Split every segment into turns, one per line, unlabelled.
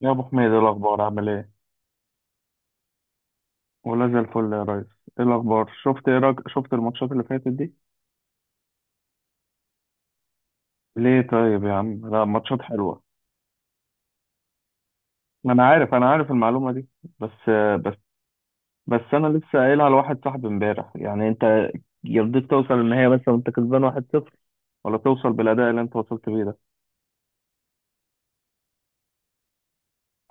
يا ابو حميد، إيه الاخبار؟ عامل ايه؟ ولا زي الفل يا ريس. ايه الاخبار؟ شفت، ايه رأيك؟ شفت الماتشات اللي فاتت دي؟ ليه طيب يا عم؟ لا، ماتشات حلوه. انا عارف المعلومه دي. بس بس بس. انا لسه قايلها لواحد صاحبي امبارح، يعني انت يرضيك توصل النهائي بس وانت كسبان 1-0 ولا توصل بالاداء اللي انت وصلت بيه ده؟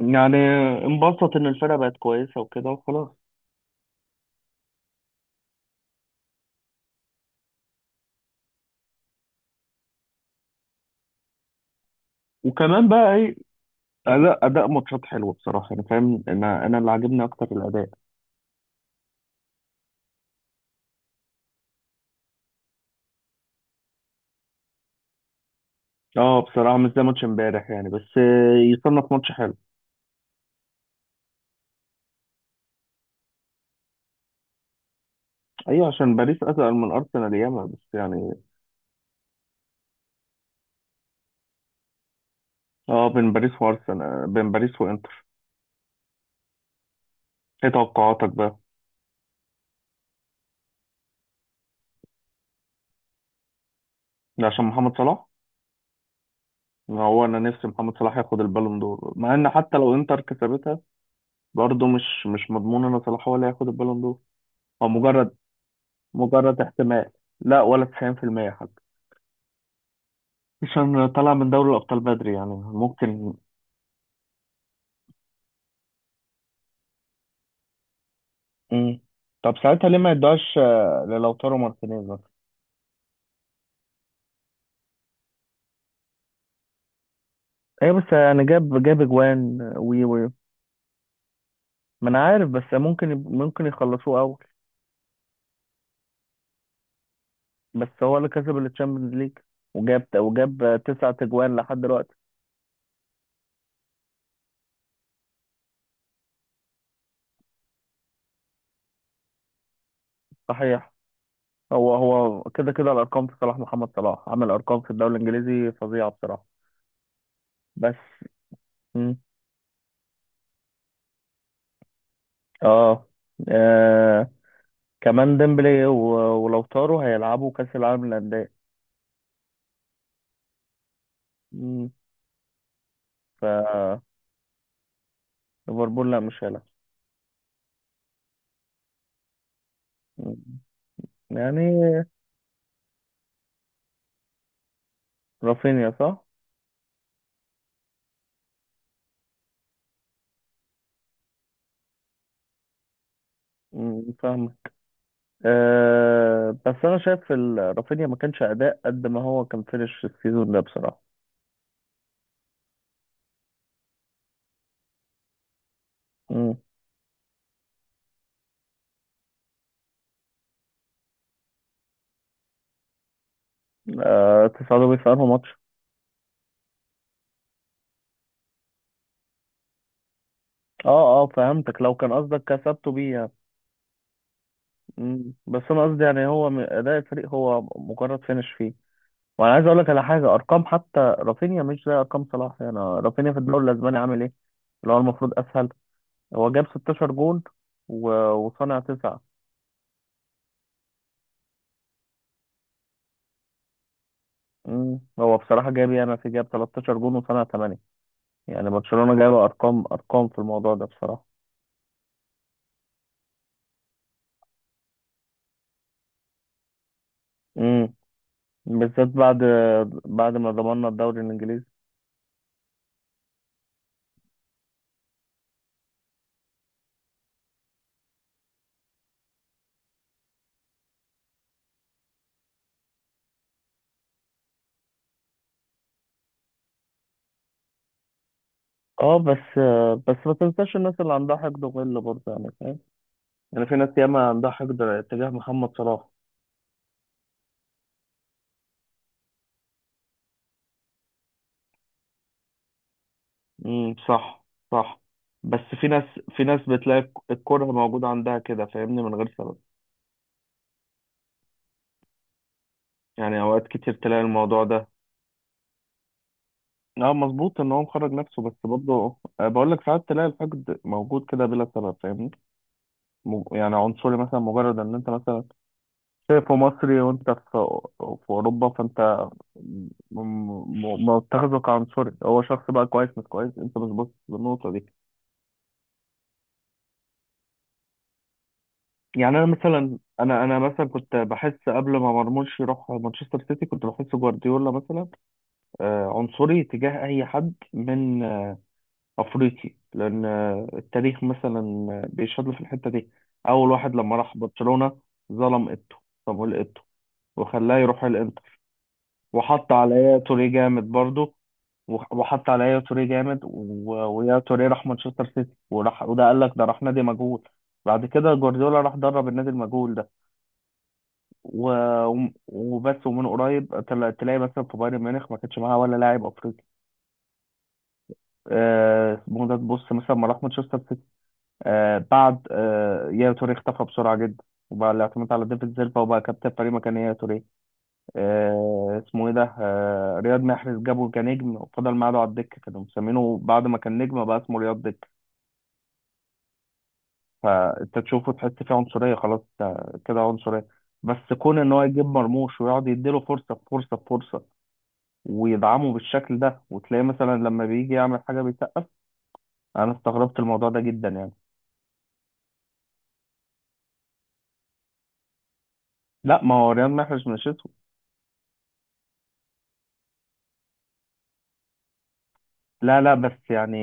يعني انبسط ان الفرقه بقت كويسه وكده وخلاص؟ وكمان بقى ايه؟ اداء ماتشات حلوه بصراحه. انا فاهم، انا اللي عاجبني اكتر الاداء. اه، بصراحة مش زي ماتش امبارح يعني، بس يصنف ماتش حلو. ايوه، عشان باريس اتقل من ارسنال ياما، بس يعني. اه، بين باريس وارسنال، بين باريس وانتر. ايه توقعاتك بقى؟ عشان محمد صلاح. ما هو انا نفسي محمد صلاح ياخد البالون دور، مع ان حتى لو انتر كسبتها برضه مش مضمون ان صلاح هو اللي هياخد البالون دور. هو مجرد احتمال. لا، ولا 90% حتى، عشان طلع من دوري الابطال بدري، يعني ممكن. مم. طب ساعتها ليه ما يدوهاش للوتارو مارتينيز؟ ايه؟ بس يعني جاب اجوان وي وي. ما انا عارف، بس ممكن ممكن يخلصوه اول. بس هو اللي كسب التشامبيونز ليج، وجاب 9 اجوان لحد دلوقتي. صحيح. هو كده كده الارقام في صلاح. محمد صلاح عمل ارقام في الدوري الانجليزي فظيعة بصراحة. بس. مم. اه. آه. كمان ديمبلي ولوتارو هيلعبوا كاس العالم للانديه. مم. ف ليفربول لا، مش هيلعب. مم. يعني. رافينيا، صح. مم. فاهم. أه، بس انا شايف رافينيا ما كانش اداء قد ما هو كان فينش السيزون ده بصراحه. امم. أه، تصعدوا بيه في انه ماتش؟ اه اه، فهمتك، لو كان قصدك كسبته بيه يعني. مم. بس انا قصدي يعني هو، اداء الفريق هو مجرد فينش فيه. وانا عايز اقول لك على حاجه. ارقام حتى رافينيا مش زي ارقام صلاح، يعني رافينيا في الدوري الاسباني عامل ايه؟ اللي هو المفروض اسهل. هو جاب 16 جون وصنع 9. مم. هو بصراحه جاب، يعني، في جاب 13 جون وصنع 8. يعني برشلونة جايبة أرقام أرقام في الموضوع ده بصراحة. امم. بالذات بعد ما ضمننا الدوري الإنجليزي. اه، بس ما تنساش الناس اللي عندها حقد وغل برضه، يعني فاهم، يعني في ناس ياما عندها حقد تجاه محمد صلاح. امم، صح. صح. بس في ناس بتلاقي الكره موجودة عندها كده، فاهمني، من غير سبب. يعني أوقات كتير تلاقي الموضوع ده. اه، مظبوط ان هو مخرج نفسه، بس برضه بقول لك ساعات تلاقي الحقد موجود كده بلا سبب، فاهمني. يعني عنصري مثلا، مجرد ان انت مثلا شايفه مصري وانت في اوروبا، فانت م- متخذه كعنصري. هو شخص بقى كويس مش كويس، انت مش باصص للنقطه دي. يعني انا مثلا، انا مثلا كنت بحس، قبل ما مرموش يروح مانشستر سيتي، كنت بحس جوارديولا مثلا عنصري تجاه اي حد من افريقي، لان التاريخ مثلا بيشهد له في الحته دي. اول واحد لما راح برشلونه ظلم ايتو، صامويل ايتو، وخلاه يروح الانتر. وحط على توري جامد برضه، وحط على يا توريه جامد ويا توريه راح مانشستر سيتي وراح. وده قال لك ده راح نادي مجهول. بعد كده جوارديولا راح درب النادي المجهول ده و... وبس. ومن قريب تلاقي مثلا في بايرن ميونخ ما كانش معاه ولا لاعب افريقي. اسمه ده، تبص مثلا، ما راح مانشستر سيتي بعد يا توريه اختفى بسرعه جدا، وبقى الاعتماد على ديفيد سيلفا، وبقى كابتن فريق مكان يا توريه. اسمه ايه ده، رياض محرز، جابه كنجم وفضل معاه على الدكه. كانوا مسمينه بعد ما كان نجم بقى اسمه رياض دكه. فانت تشوفه تحس فيه عنصريه، خلاص انت كده عنصريه. بس كون ان هو يجيب مرموش ويقعد يديله فرصه بفرصه بفرصه، ويدعمه بالشكل ده، وتلاقيه مثلا لما بيجي يعمل حاجه بيسقف، انا استغربت الموضوع ده جدا يعني. لا، ما هو رياض محرز مش اسود. لا لا، بس يعني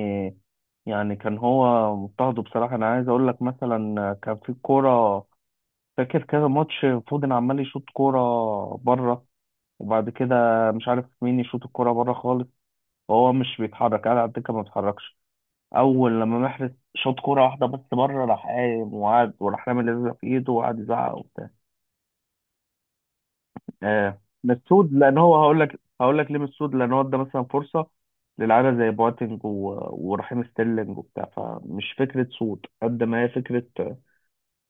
يعني كان هو مضطهد بصراحه. انا عايز اقول لك، مثلا كان في كوره، فاكر كذا ماتش فودن عمال يشوط كوره بره، وبعد كده مش عارف مين يشوط الكوره بره خالص، وهو مش بيتحرك، قاعد على الدكه ما بيتحركش. اول لما محرز شاط كوره واحده بس بره، راح قايم وقعد، وراح رامي الازازه في ايده وقعد يزعق وبتاع. آه مسعود، لان هو هقول لك ليه مسعود، لان هو ادى مثلا فرصه للعيبه زي بواتنج ورحيم ستيرلينج وبتاع، فمش فكره سود قد ما هي فكره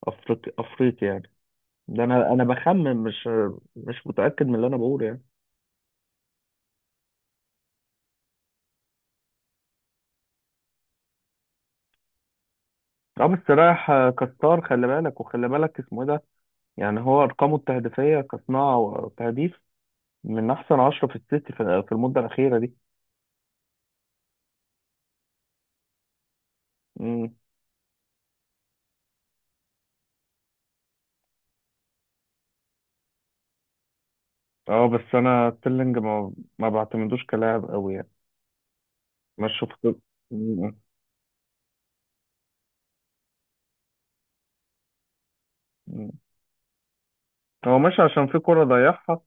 افريقي افريقي يعني. ده انا بخمن، مش متاكد من اللي انا بقوله يعني. اه، بس رايح كستار. خلي بالك وخلي بالك، اسمه ايه ده، يعني هو ارقامه التهديفيه كصناعه وتهديف من احسن 10 في السيتي في المدة الأخيرة دي. مم. اه، بس انا تيلينج ما بعتمدوش كلاعب قوي يعني. مشوا في مم. مم. هو ماشي عشان في كرة ضيعها،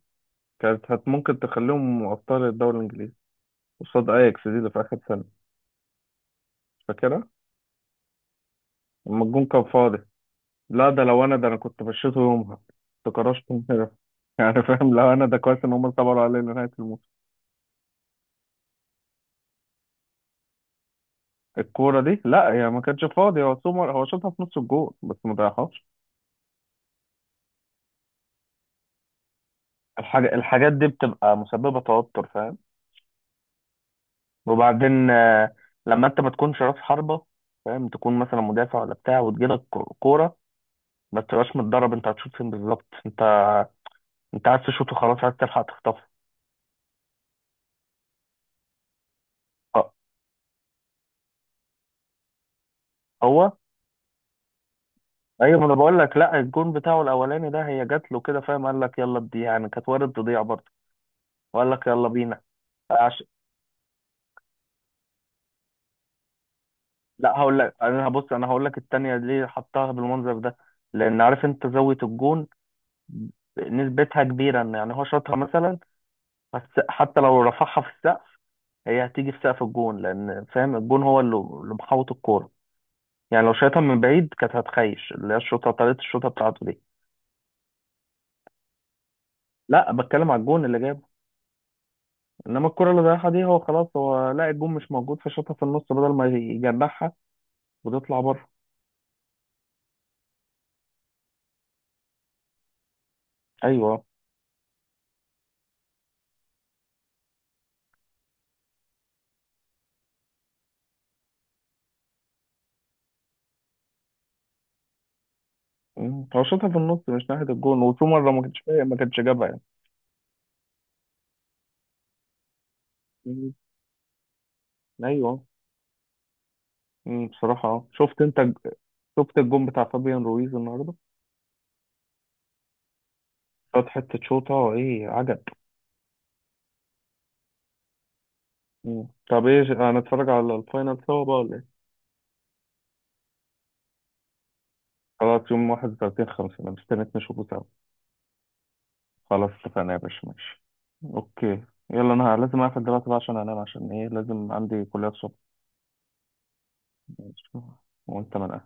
كانت ممكن تخليهم ابطال الدوري الانجليزي قصاد اياكس دي اللي في اخر سنة، فاكرها؟ لما الجون كان فاضي. لا، ده لو انا، ده انا كنت مشيته يومها، كنت كرشته كده يعني فاهم. لو انا، ده كويس ان هم صبروا عليه لنهاية الموسم. الكورة دي لا، هي يعني ما كانتش فاضية، هو سومر هو شاطها في نص الجول، بس ما ضيعهاش. الحاجات دي بتبقى مسببة توتر، فاهم. وبعدين، لما انت ما تكونش راس حربة، فاهم، تكون مثلا مدافع ولا بتاع، وتجيلك كورة، ما تبقاش متدرب انت هتشوط فين بالظبط. انت انت عايز تشوط وخلاص، عايز تلحق تخطفه. أه، هو ايوه. ما انا بقول لك، لا، الجون بتاعه الاولاني ده هي جات له كده، فاهم، قال لك يلا بدي، يعني كانت وارد تضيع برضه، وقال لك يلا بينا. عش... لا، هقول لك، انا هبص، انا هقول لك التانية ليه حطها بالمنظر ده، لان عارف انت زاوية الجون نسبتها كبيرة، ان يعني هو شاطها مثلا، بس حتى لو رفعها في السقف هي هتيجي في سقف الجون، لان فاهم الجون هو اللي محوط الكورة، يعني لو شايطها من بعيد كانت هتخيش. اللي هي الشوطة، طريقة الشوطة بتاعته دي. لا، بتكلم على الجون اللي جابه. انما الكرة اللي ضيعها دي هو خلاص، هو لا الجون مش موجود، فشاطها في النص بدل ما يجنحها وتطلع بره. ايوه. مم. هو شاطها في النص، مش ناحية الجون. وفي مرة ما كانش جابها يعني. مم. ايوه. مم. بصراحة، شفت انت، شفت الجون بتاع فابيان رويز النهاردة؟ خد حتة شوطة ايه عجب. مم. طب ايه، هنتفرج على الفاينل سوا بقى ولا ايه؟ خلاص يوم 31/5، انا مستنيك نشوفه سوا. خلاص اتفقنا يا باشا، ماشي. اوكي. يلا، انا لازم اقفل دلوقتي بقى عشان انام، عشان ايه، لازم عندي كلية الصبح. ماشي. وانت من